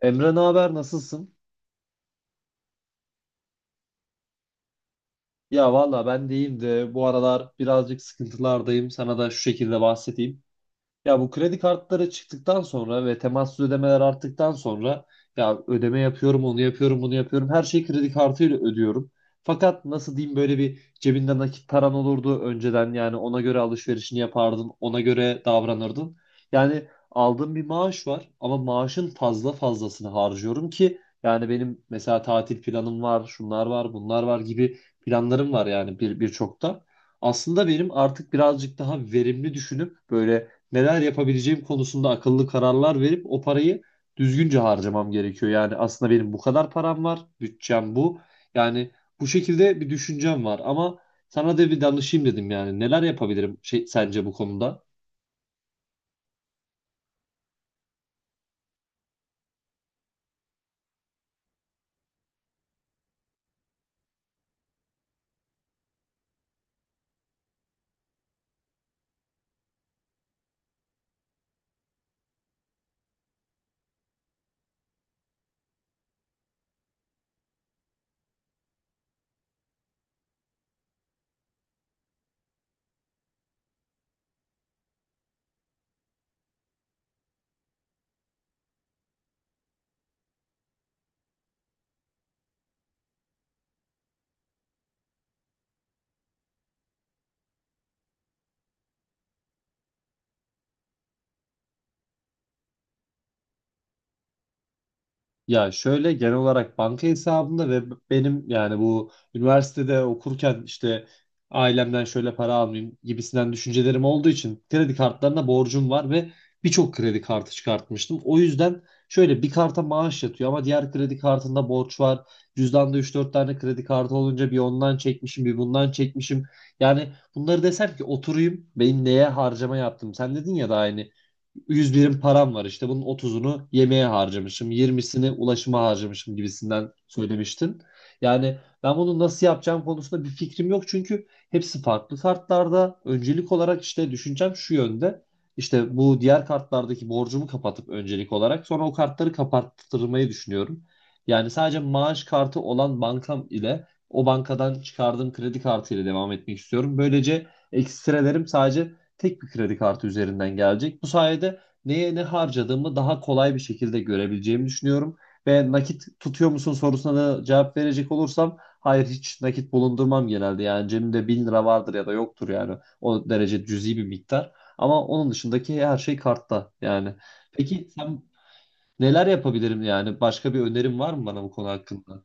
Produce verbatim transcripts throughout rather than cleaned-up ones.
Emre, ne haber, nasılsın? Ya valla ben deyim de de bu aralar birazcık sıkıntılardayım. Sana da şu şekilde bahsedeyim. Ya bu kredi kartları çıktıktan sonra ve temassız ödemeler arttıktan sonra ya ödeme yapıyorum, onu yapıyorum, bunu yapıyorum. Her şeyi kredi kartıyla ödüyorum. Fakat nasıl diyeyim, böyle bir cebinde nakit paran olurdu önceden, yani ona göre alışverişini yapardın, ona göre davranırdın. Yani aldığım bir maaş var ama maaşın fazla fazlasını harcıyorum, ki yani benim mesela tatil planım var, şunlar var, bunlar var gibi planlarım var yani, bir birçok da. Aslında benim artık birazcık daha verimli düşünüp böyle neler yapabileceğim konusunda akıllı kararlar verip o parayı düzgünce harcamam gerekiyor. Yani aslında benim bu kadar param var, bütçem bu. Yani bu şekilde bir düşüncem var ama sana da bir danışayım dedim yani. Neler yapabilirim şey, sence bu konuda? Ya şöyle genel olarak banka hesabımda ve b- benim, yani bu üniversitede okurken işte ailemden şöyle para almayayım gibisinden düşüncelerim olduğu için kredi kartlarına borcum var ve birçok kredi kartı çıkartmıştım. O yüzden şöyle bir karta maaş yatıyor ama diğer kredi kartında borç var. Cüzdanda üç dört tane kredi kartı olunca bir ondan çekmişim, bir bundan çekmişim. Yani bunları desem ki, oturayım benim neye harcama yaptım. Sen dedin ya, da aynı, yüz birim param var işte, bunun otuzunu yemeğe harcamışım, yirmisini ulaşıma harcamışım gibisinden söylemiştin. Yani ben bunu nasıl yapacağım konusunda bir fikrim yok çünkü hepsi farklı kartlarda. Öncelik olarak işte düşüncem şu yönde. İşte bu diğer kartlardaki borcumu kapatıp öncelik olarak sonra o kartları kapattırmayı düşünüyorum. Yani sadece maaş kartı olan bankam ile o bankadan çıkardığım kredi kartı ile devam etmek istiyorum. Böylece ekstrelerim sadece tek bir kredi kartı üzerinden gelecek. Bu sayede neye ne harcadığımı daha kolay bir şekilde görebileceğimi düşünüyorum. Ve nakit tutuyor musun sorusuna da cevap verecek olursam, hayır, hiç nakit bulundurmam genelde. Yani cebimde bin lira vardır ya da yoktur, yani o derece cüzi bir miktar. Ama onun dışındaki her şey kartta yani. Peki sen, neler yapabilirim yani, başka bir önerin var mı bana bu konu hakkında?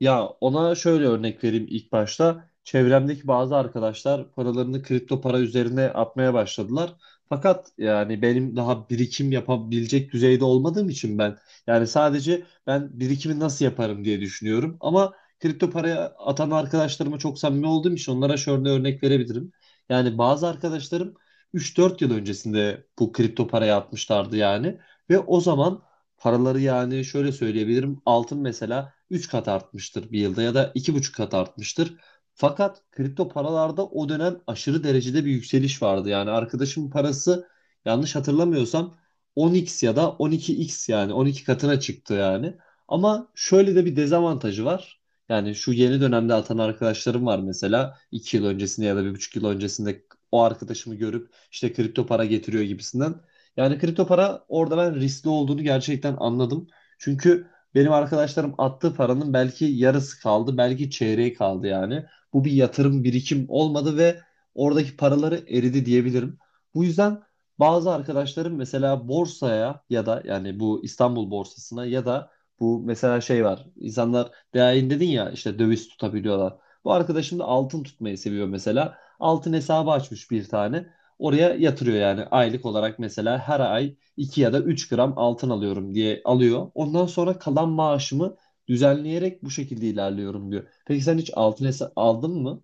Ya ona şöyle örnek vereyim ilk başta. Çevremdeki bazı arkadaşlar paralarını kripto para üzerine atmaya başladılar. Fakat yani benim daha birikim yapabilecek düzeyde olmadığım için ben, yani sadece ben birikimi nasıl yaparım diye düşünüyorum. Ama kripto paraya atan arkadaşlarıma çok samimi olduğum için onlara şöyle örnek verebilirim. Yani bazı arkadaşlarım üç dört yıl öncesinde bu kripto paraya atmışlardı yani, ve o zaman paraları, yani şöyle söyleyebilirim, altın mesela üç kat artmıştır bir yılda ya da iki buçuk kat artmıştır. Fakat kripto paralarda o dönem aşırı derecede bir yükseliş vardı. Yani arkadaşımın parası, yanlış hatırlamıyorsam, on iks ya da on iki kat, yani on iki katına çıktı yani. Ama şöyle de bir dezavantajı var. Yani şu yeni dönemde atan arkadaşlarım var mesela, iki yıl öncesinde ya da bir buçuk yıl öncesinde o arkadaşımı görüp işte kripto para getiriyor gibisinden. Yani kripto para orada ben riskli olduğunu gerçekten anladım. Çünkü benim arkadaşlarım attığı paranın belki yarısı kaldı, belki çeyreği kaldı yani. Bu bir yatırım, birikim olmadı ve oradaki paraları eridi diyebilirim. Bu yüzden bazı arkadaşlarım mesela borsaya ya da yani bu İstanbul borsasına ya da bu mesela şey var, İnsanlar değerini dedin ya, işte döviz tutabiliyorlar. Bu arkadaşım da altın tutmayı seviyor mesela. Altın hesabı açmış bir tane. Oraya yatırıyor yani, aylık olarak mesela her ay iki ya da üç gram altın alıyorum diye alıyor. Ondan sonra kalan maaşımı düzenleyerek bu şekilde ilerliyorum diyor. Peki sen hiç altın hesa- aldın mı?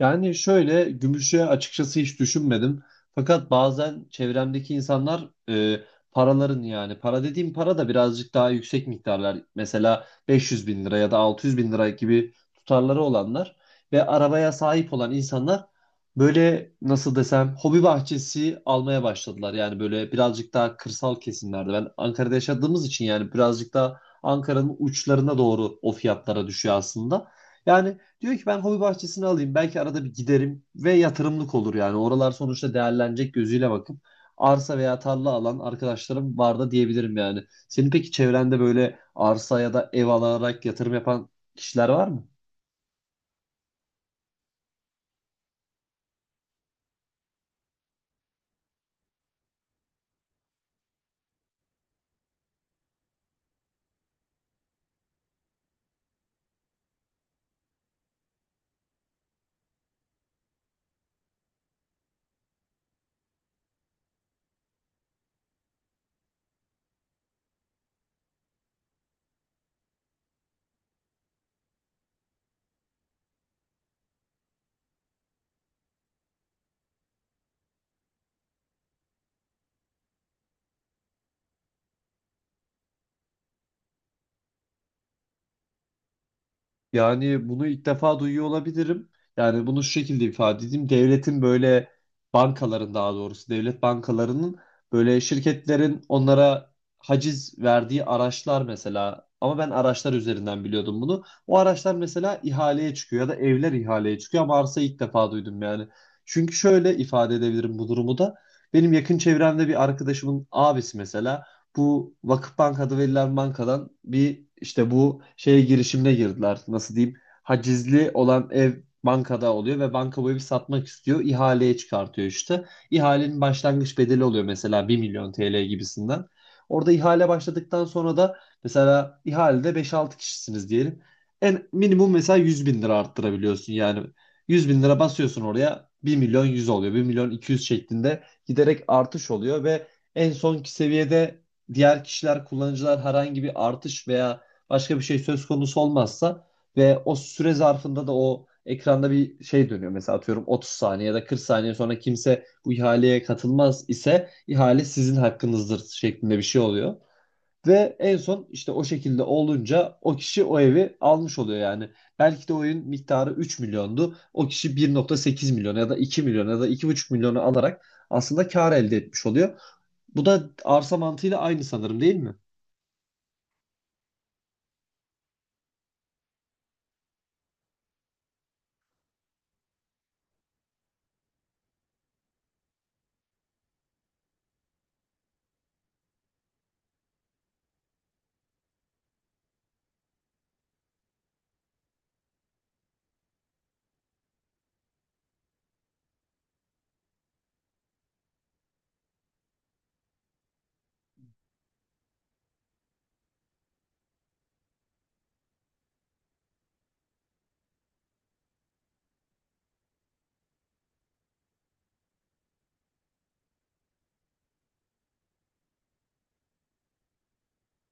Yani şöyle, gümüşe açıkçası hiç düşünmedim. Fakat bazen çevremdeki insanlar, e, paraların, yani para dediğim para da birazcık daha yüksek miktarlar. Mesela beş yüz bin lira ya da altı yüz bin lira gibi tutarları olanlar ve arabaya sahip olan insanlar, böyle nasıl desem, hobi bahçesi almaya başladılar. Yani böyle birazcık daha kırsal kesimlerde. Ben Ankara'da yaşadığımız için yani, birazcık daha Ankara'nın uçlarına doğru o fiyatlara düşüyor aslında. Yani Diyor ki, ben hobi bahçesini alayım, belki arada bir giderim ve yatırımlık olur yani. Oralar sonuçta değerlenecek gözüyle bakıp arsa veya tarla alan arkadaşlarım var da diyebilirim yani. Senin peki çevrende böyle arsa ya da ev alarak yatırım yapan kişiler var mı? Yani bunu ilk defa duyuyor olabilirim. Yani bunu şu şekilde ifade edeyim. Devletin böyle, bankaların daha doğrusu, devlet bankalarının, böyle şirketlerin onlara haciz verdiği araçlar mesela. Ama ben araçlar üzerinden biliyordum bunu. O araçlar mesela ihaleye çıkıyor ya da evler ihaleye çıkıyor ama arsa, ilk defa duydum yani. Çünkü şöyle ifade edebilirim bu durumu da: benim yakın çevremde bir arkadaşımın abisi mesela, bu Vakıfbank adı verilen bankadan, bir işte bu şeye, girişimine girdiler. Nasıl diyeyim? Hacizli olan ev bankada oluyor ve banka bu evi satmak istiyor. İhaleye çıkartıyor işte. İhalenin başlangıç bedeli oluyor mesela bir milyon T L gibisinden. Orada ihale başladıktan sonra da, mesela ihalede beş altı kişisiniz diyelim. En minimum mesela yüz bin lira arttırabiliyorsun yani. Yüz bin lira basıyorsun oraya, bir milyon yüz oluyor. Bir milyon iki yüz şeklinde giderek artış oluyor ve en sonki seviyede diğer kişiler, kullanıcılar herhangi bir artış veya başka bir şey söz konusu olmazsa, ve o süre zarfında da o ekranda bir şey dönüyor; mesela atıyorum otuz saniye ya da kırk saniye sonra kimse bu ihaleye katılmaz ise ihale sizin hakkınızdır şeklinde bir şey oluyor. Ve en son işte o şekilde olunca o kişi o evi almış oluyor yani. Belki de oyun miktarı üç milyondu. O kişi bir nokta sekiz milyon ya da iki milyon ya da iki buçuk milyonu alarak aslında kar elde etmiş oluyor. Bu da arsa mantığıyla aynı, sanırım, değil mi?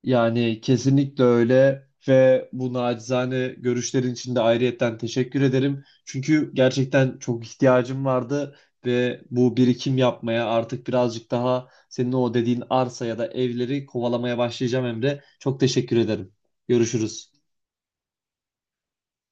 Yani kesinlikle öyle, ve bu nacizane görüşlerin için de ayrıyetten teşekkür ederim. Çünkü gerçekten çok ihtiyacım vardı ve bu birikim yapmaya, artık birazcık daha senin o dediğin arsa ya da evleri kovalamaya başlayacağım Emre. Çok teşekkür ederim. Görüşürüz.